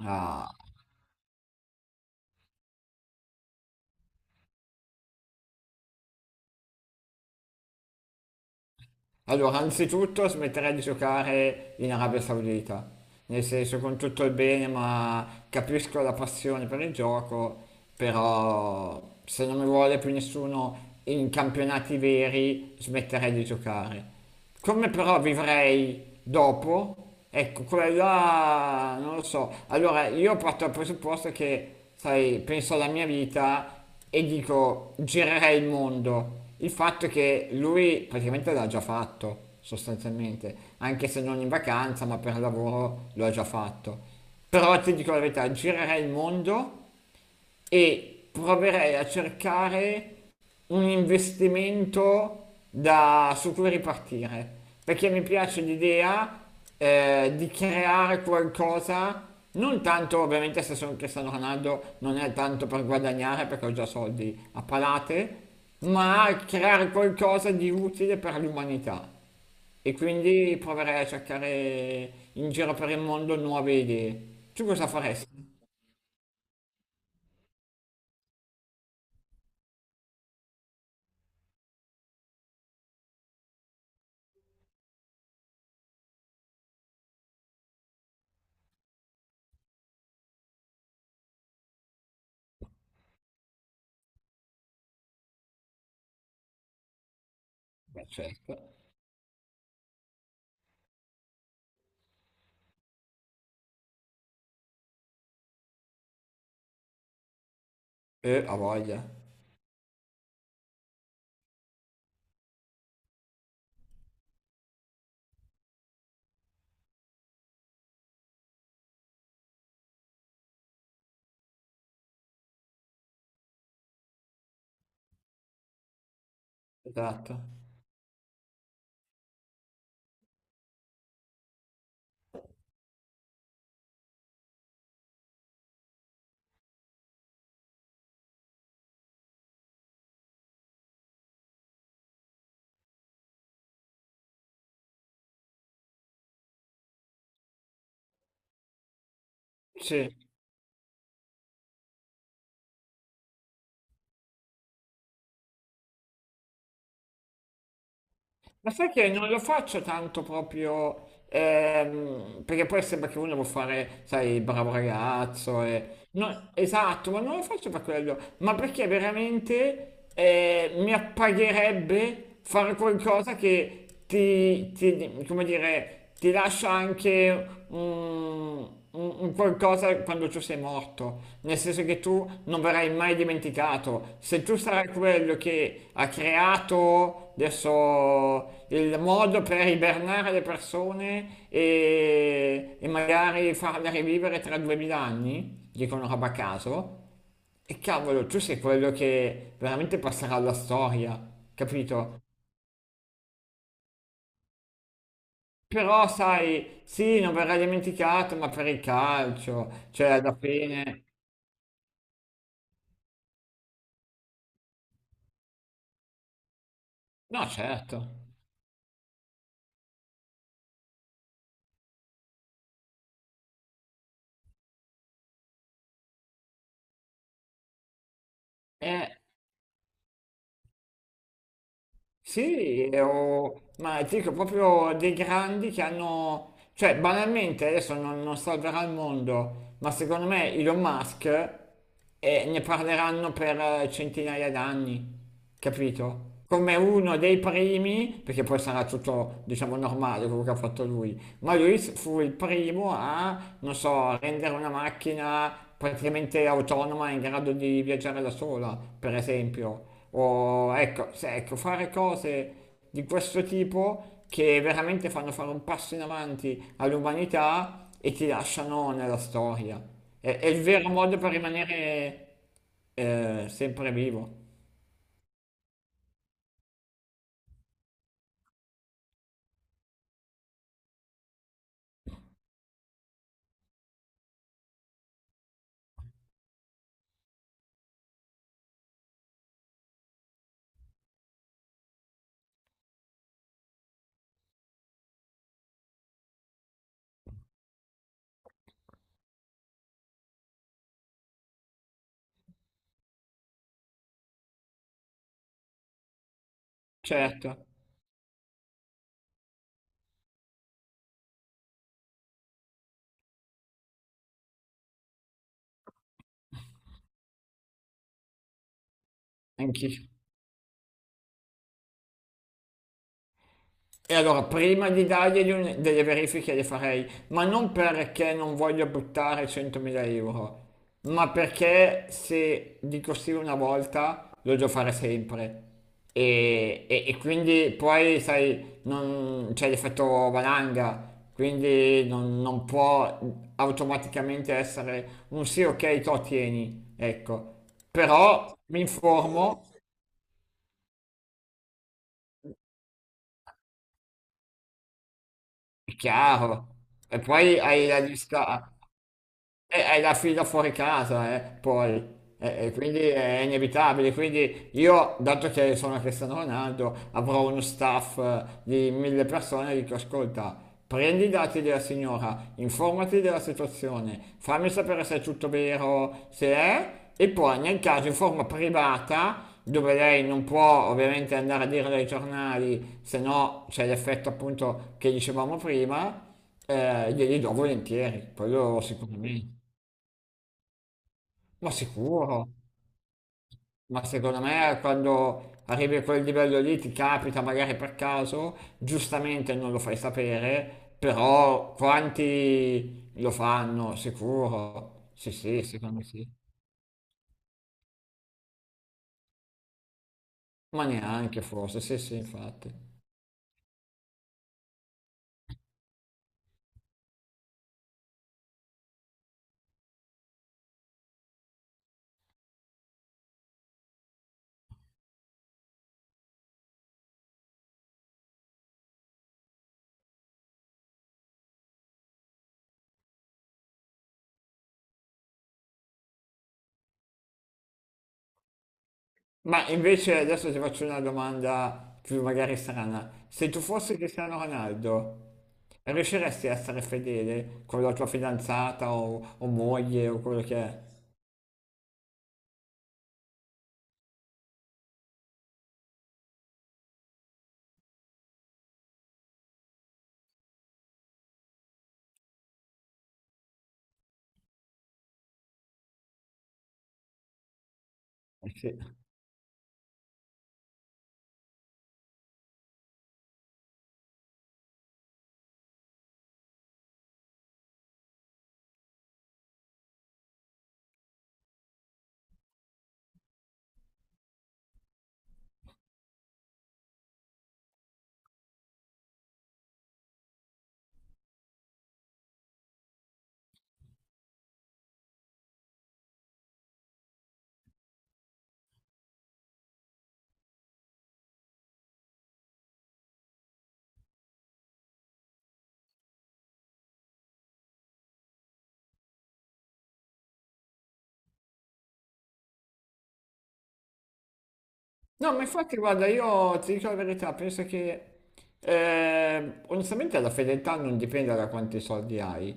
Ah. Allora, anzitutto smetterei di giocare in Arabia Saudita, nel senso con tutto il bene, ma capisco la passione per il gioco, però se non mi vuole più nessuno in campionati veri smetterei di giocare. Come però vivrei dopo? Ecco, quella non lo so. Allora, io parto dal presupposto che, sai, penso alla mia vita e dico girerei il mondo. Il fatto è che lui praticamente l'ha già fatto, sostanzialmente, anche se non in vacanza, ma per lavoro lo ha già fatto. Però ti dico la verità, girerei il mondo e proverei a cercare un investimento su cui ripartire, perché mi piace l'idea di creare qualcosa, non tanto ovviamente se sono Cristiano Ronaldo non è tanto per guadagnare perché ho già soldi a palate, ma creare qualcosa di utile per l'umanità. E quindi proverei a cercare in giro per il mondo nuove idee. Tu cosa faresti? Beh, certo. Ha voglia, esatto. Sì, ma sai che non lo faccio tanto proprio, perché poi sembra che uno vuole fare, sai, il bravo ragazzo. E... no, esatto, ma non lo faccio per quello, ma perché veramente mi appagherebbe fare qualcosa che come dire, ti lascia anche un qualcosa quando tu sei morto, nel senso che tu non verrai mai dimenticato. Se tu sarai quello che ha creato adesso il modo per ibernare le persone e magari farle rivivere tra 2000 anni, dico una roba a caso, e cavolo, tu sei quello che veramente passerà alla storia, capito? Però sai, sì, non verrà dimenticato, ma per il calcio, cioè alla fine... No, certo. Eh, sì, o... ma dico proprio dei grandi che hanno... Cioè, banalmente, adesso non salverà il mondo, ma secondo me Elon Musk ne parleranno per centinaia d'anni, capito? Come uno dei primi, perché poi sarà tutto, diciamo, normale quello che ha fatto lui. Ma lui fu il primo a, non so, rendere una macchina praticamente autonoma in grado di viaggiare da sola, per esempio. O ecco, ecco, fare cose di questo tipo che veramente fanno fare un passo in avanti all'umanità e ti lasciano nella storia. È il vero modo per rimanere sempre vivo. Certo, anch'io. E allora prima di dargli delle verifiche le farei, ma non perché non voglio buttare 100.000 euro, ma perché se dico sì una volta lo devo fare sempre. E quindi poi, sai, non c'è l'effetto valanga, quindi non può automaticamente essere un sì, ok, to tieni, ecco. Però mi informo, è chiaro. E poi hai la lista. E hai la fila fuori casa, poi. E quindi è inevitabile. Quindi io, dato che sono Cristiano Ronaldo, avrò uno staff di 1000 persone e dico, ascolta, prendi i dati della signora, informati della situazione, fammi sapere se è tutto vero, se è, e poi nel caso in forma privata, dove lei non può ovviamente andare a dire dai giornali, se no c'è l'effetto appunto che dicevamo prima, glieli do volentieri, quello sicuramente. Ma sicuro, ma secondo me quando arrivi a quel livello lì ti capita magari per caso, giustamente non lo fai sapere, però quanti lo fanno, sicuro. Sì, sì, secondo me sì. Ma neanche forse, sì, sì, infatti. Ma invece adesso ti faccio una domanda più magari strana. Se tu fossi Cristiano Ronaldo, riusciresti a essere fedele con la tua fidanzata o moglie o quello che è? Eh, sì. No, ma infatti, guarda, io ti dico la verità, penso che onestamente la fedeltà non dipende da quanti soldi hai,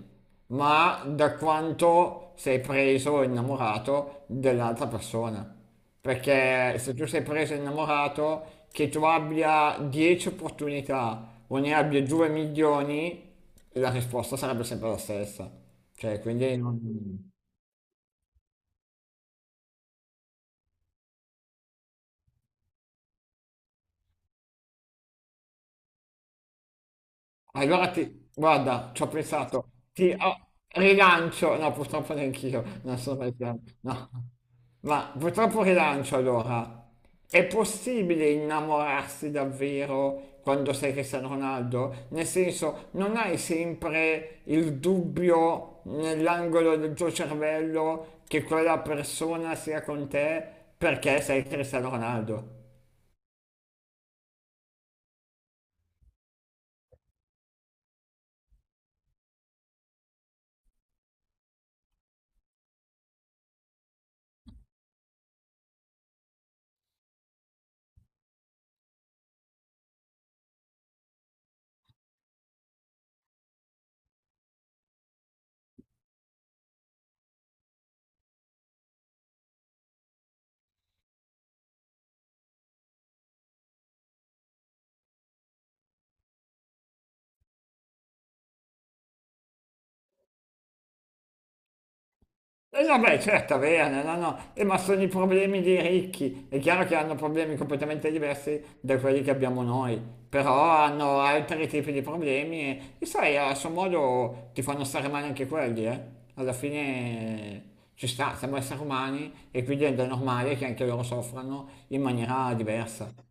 ma da quanto sei preso o innamorato dell'altra persona. Perché se tu sei preso e innamorato, che tu abbia 10 opportunità o ne abbia 2 milioni, la risposta sarebbe sempre la stessa. Cioè, quindi non... Allora guarda, ci ho pensato, ti oh, rilancio, no purtroppo neanch'io, non sono mai piano, no, ma purtroppo rilancio allora. È possibile innamorarsi davvero quando sei Cristiano Ronaldo? Nel senso, non hai sempre il dubbio nell'angolo del tuo cervello che quella persona sia con te perché sei Cristiano Ronaldo. E no, beh, certo, averne, no, no, no. Ma sono i problemi dei ricchi. È chiaro che hanno problemi completamente diversi da quelli che abbiamo noi, però hanno altri tipi di problemi e sai, a suo modo ti fanno stare male anche quelli, eh. Alla fine ci sta, siamo esseri umani e quindi è normale che anche loro soffrano in maniera diversa.